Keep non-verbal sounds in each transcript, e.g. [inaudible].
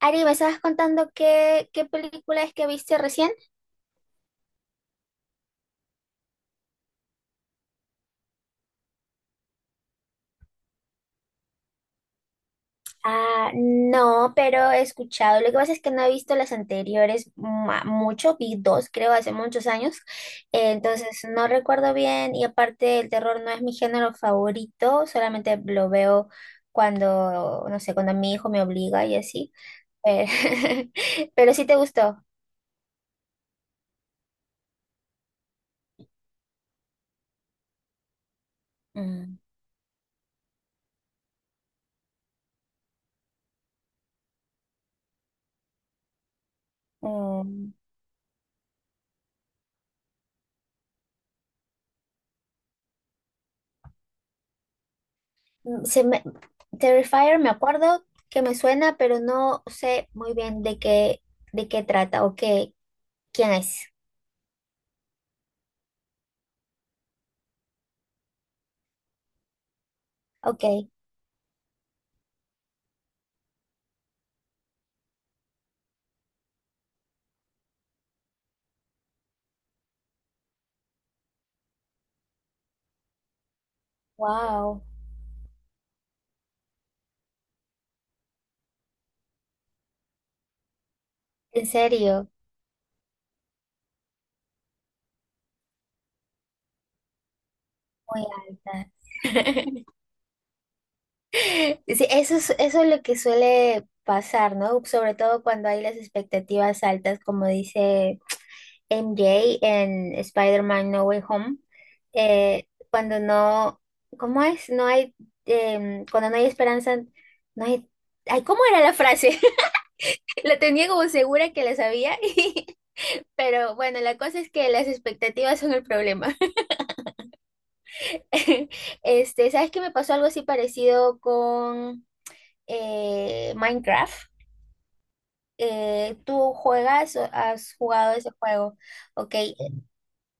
Ari, ¿me estabas contando qué película es que viste recién? Ah, no, pero he escuchado. Lo que pasa es que no he visto las anteriores mucho, vi dos, creo, hace muchos años. Entonces no recuerdo bien y aparte el terror no es mi género favorito, solamente lo veo cuando, no sé, cuando mi hijo me obliga y así. Pero, [laughs] pero sí te gustó. Mm. Mm. Mm, Se me, Terrifier me acuerdo que me suena, pero no sé muy bien de qué trata o qué, quién es. Ok, wow, en serio, muy alta. [laughs] Sí, eso es lo que suele pasar, ¿no? Sobre todo cuando hay las expectativas altas, como dice. MJ en Spider-Man No Way Home, cuando no, ¿cómo es? No hay, cuando no hay esperanza, no hay, ay, ¿cómo era la frase? [laughs] La tenía como segura que la sabía, [laughs] pero bueno, la cosa es que las expectativas son el problema. [laughs] Este, ¿sabes qué me pasó algo así parecido con Minecraft? ¿Tú juegas o has jugado ese juego? Ok,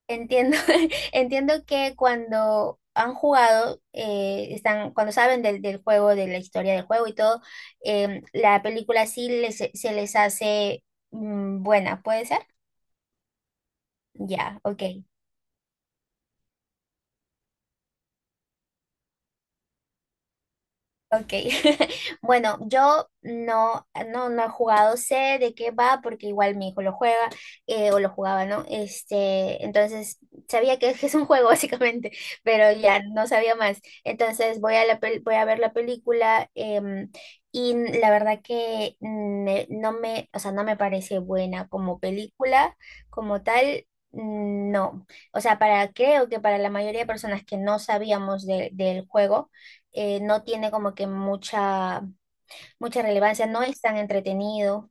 entiendo, [laughs] entiendo que cuando han jugado, están, cuando saben del juego, de la historia del juego y todo, la película sí se les hace buena, ¿puede ser? Ya, ok. Ok, [laughs] bueno, yo no, no, no he jugado, sé de qué va, porque igual mi hijo lo juega, o lo jugaba, ¿no? Este, entonces, sabía que [laughs] es un juego [laughs] básicamente, pero ya no sabía más. Entonces, voy a ver la película, em, y la verdad que no me, o sea, no me parece buena como película, como tal. No, o sea, para creo que para la mayoría de personas que no sabíamos del juego, no tiene como que mucha relevancia, no es tan entretenido.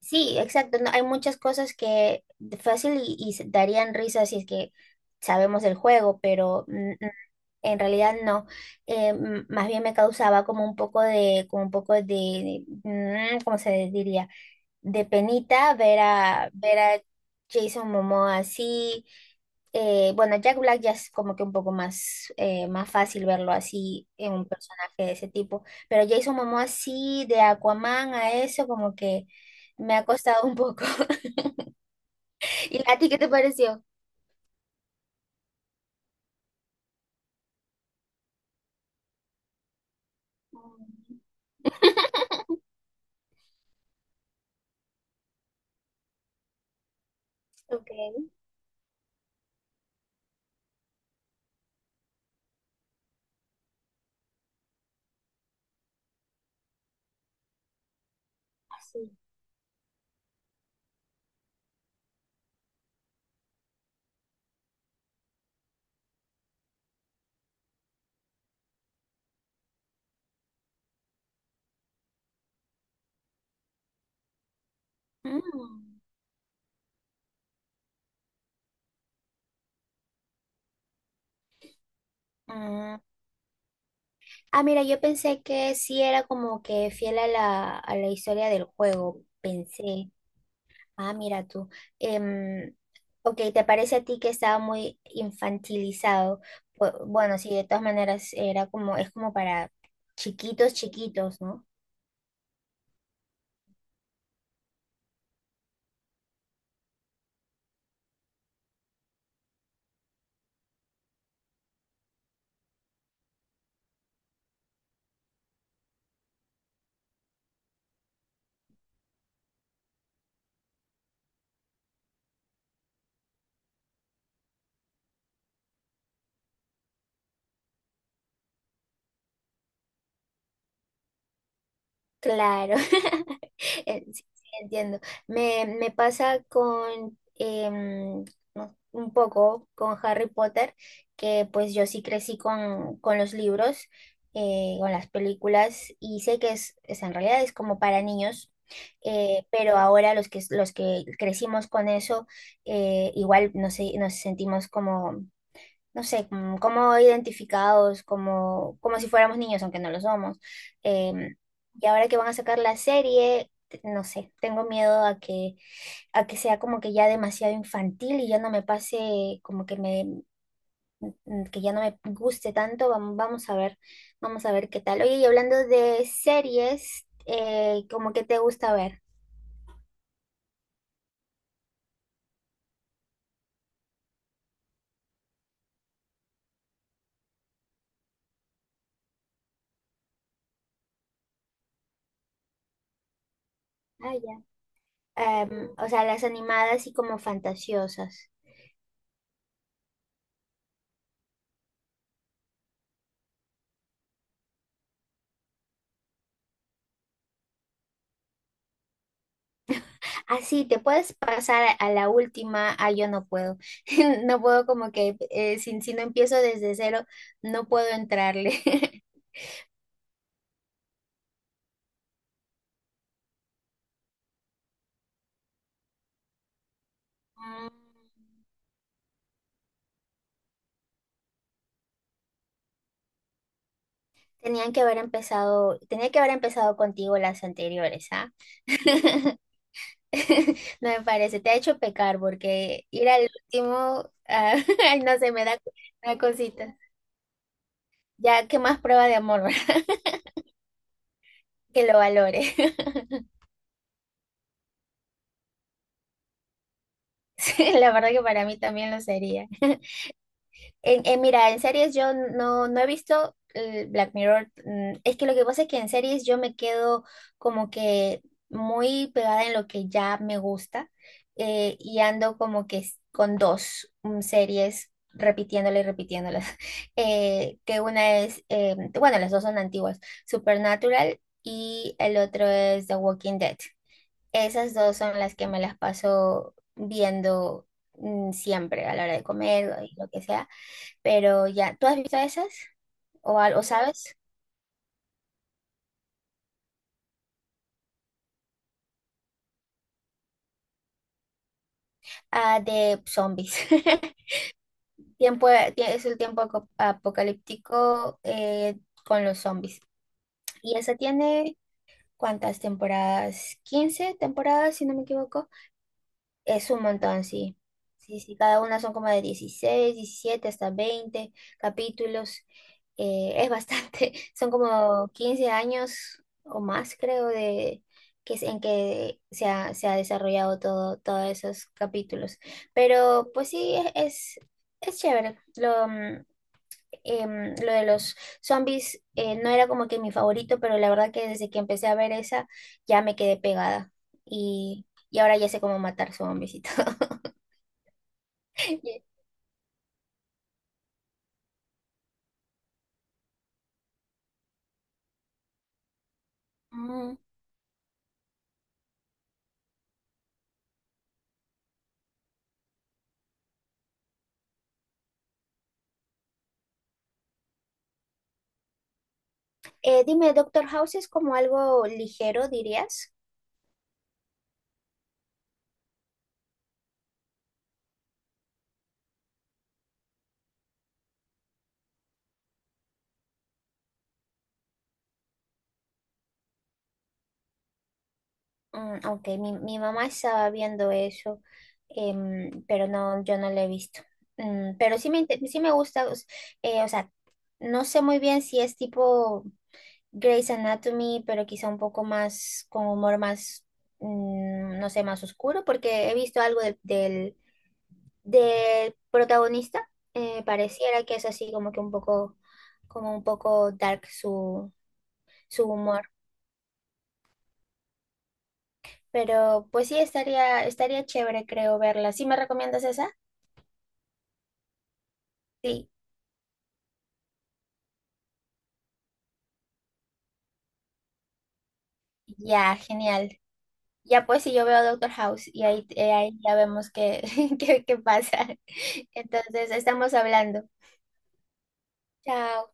Sí, exacto, no, hay muchas cosas que de fácil y darían risa si es que sabemos el juego, pero en realidad no. Más bien me causaba como un poco de, como un poco de, mm, ¿cómo se diría? De penita ver a Jason Momoa así. Bueno, Jack Black ya es como que un poco más, más fácil verlo así en un personaje de ese tipo, pero Jason Momoa así de Aquaman a eso como que me ha costado un poco. [laughs] ¿Y a ti qué te pareció? Ok, así. Mm, mm. Ah, mira, yo pensé que sí era como que fiel a la historia del juego, pensé. Ah, mira tú. Em, Ok, ¿te parece a ti que estaba muy infantilizado? Bueno, sí, de todas maneras era como, es como para chiquitos, chiquitos, ¿no? Claro. [laughs] Sí, sí, entiendo. Me pasa con no, un poco con Harry Potter, que pues yo sí crecí con los libros, con las películas, y sé que es en realidad es como para niños, pero ahora los que crecimos con eso, igual nos sentimos como no sé, como identificados, como si fuéramos niños, aunque no lo somos. Em, y ahora que van a sacar la serie, no sé, tengo miedo a que sea como que ya demasiado infantil y ya no me pase, como que me, que ya no me guste tanto. Vamos a ver qué tal. Oye, y hablando de series, ¿cómo que te gusta ver? Ah, ya. O sea, las animadas y como fantasiosas. Así te puedes pasar a la última, ah, yo no puedo, [laughs] no puedo como que si no empiezo desde cero, no puedo entrarle. [laughs] Mm. Tenían que haber empezado, tenía que haber empezado contigo las anteriores, ¿ah? [laughs] No me parece, te ha hecho pecar porque ir al último, ah, [laughs] ay, no sé, me da una cosita. Ya, ¿qué más prueba de amor, [laughs] Que lo valore. [laughs] Sí, la verdad que para mí también lo sería. Mira, en series yo no, no he visto Black Mirror. Es que lo que pasa es que en series yo me quedo como que muy pegada en lo que ya me gusta y ando como que con dos series repitiéndolas y repitiéndolas. [laughs] Que una es, bueno, las dos son antiguas, Supernatural y el otro es The Walking Dead. Esas dos son las que me las paso viendo siempre a la hora de comer y lo que sea. Pero ya, ¿tú has visto esas? ¿O algo sabes? Ah, de zombies. [laughs] Tiempo, es el tiempo apocalíptico con los zombies. Y esa tiene, ¿cuántas temporadas? 15 temporadas, si no me equivoco. Es un montón, sí. Sí, sí, cada una son como de 16 17 hasta 20 capítulos. Es bastante, [laughs] son como 15 años o más, creo, de que es en que se ha desarrollado todo, todos esos capítulos. Pero pues sí, es chévere. Lo de los zombies no era como que mi favorito, pero la verdad que desde que empecé a ver esa ya me quedé pegada y ahora ya sé cómo matar zombies y todo. [laughs] Y- Mm. Dime, Doctor House es como algo ligero, ¿dirías? Ok, mi mamá estaba viendo eso, pero no, yo no lo he visto. Pero sí sí me gusta, o sea, no sé muy bien si es tipo Grey's Anatomy, pero quizá un poco más con humor más, no sé, más oscuro, porque he visto algo del protagonista. Pareciera que es así como que un poco, como un poco dark su humor. Pero pues sí, estaría chévere, creo, verla. ¿Sí me recomiendas esa? Sí, ya, genial. Ya pues si yo veo Doctor House y ahí, ahí ya vemos qué, [laughs] qué pasa. [laughs] Entonces, estamos hablando. Chao.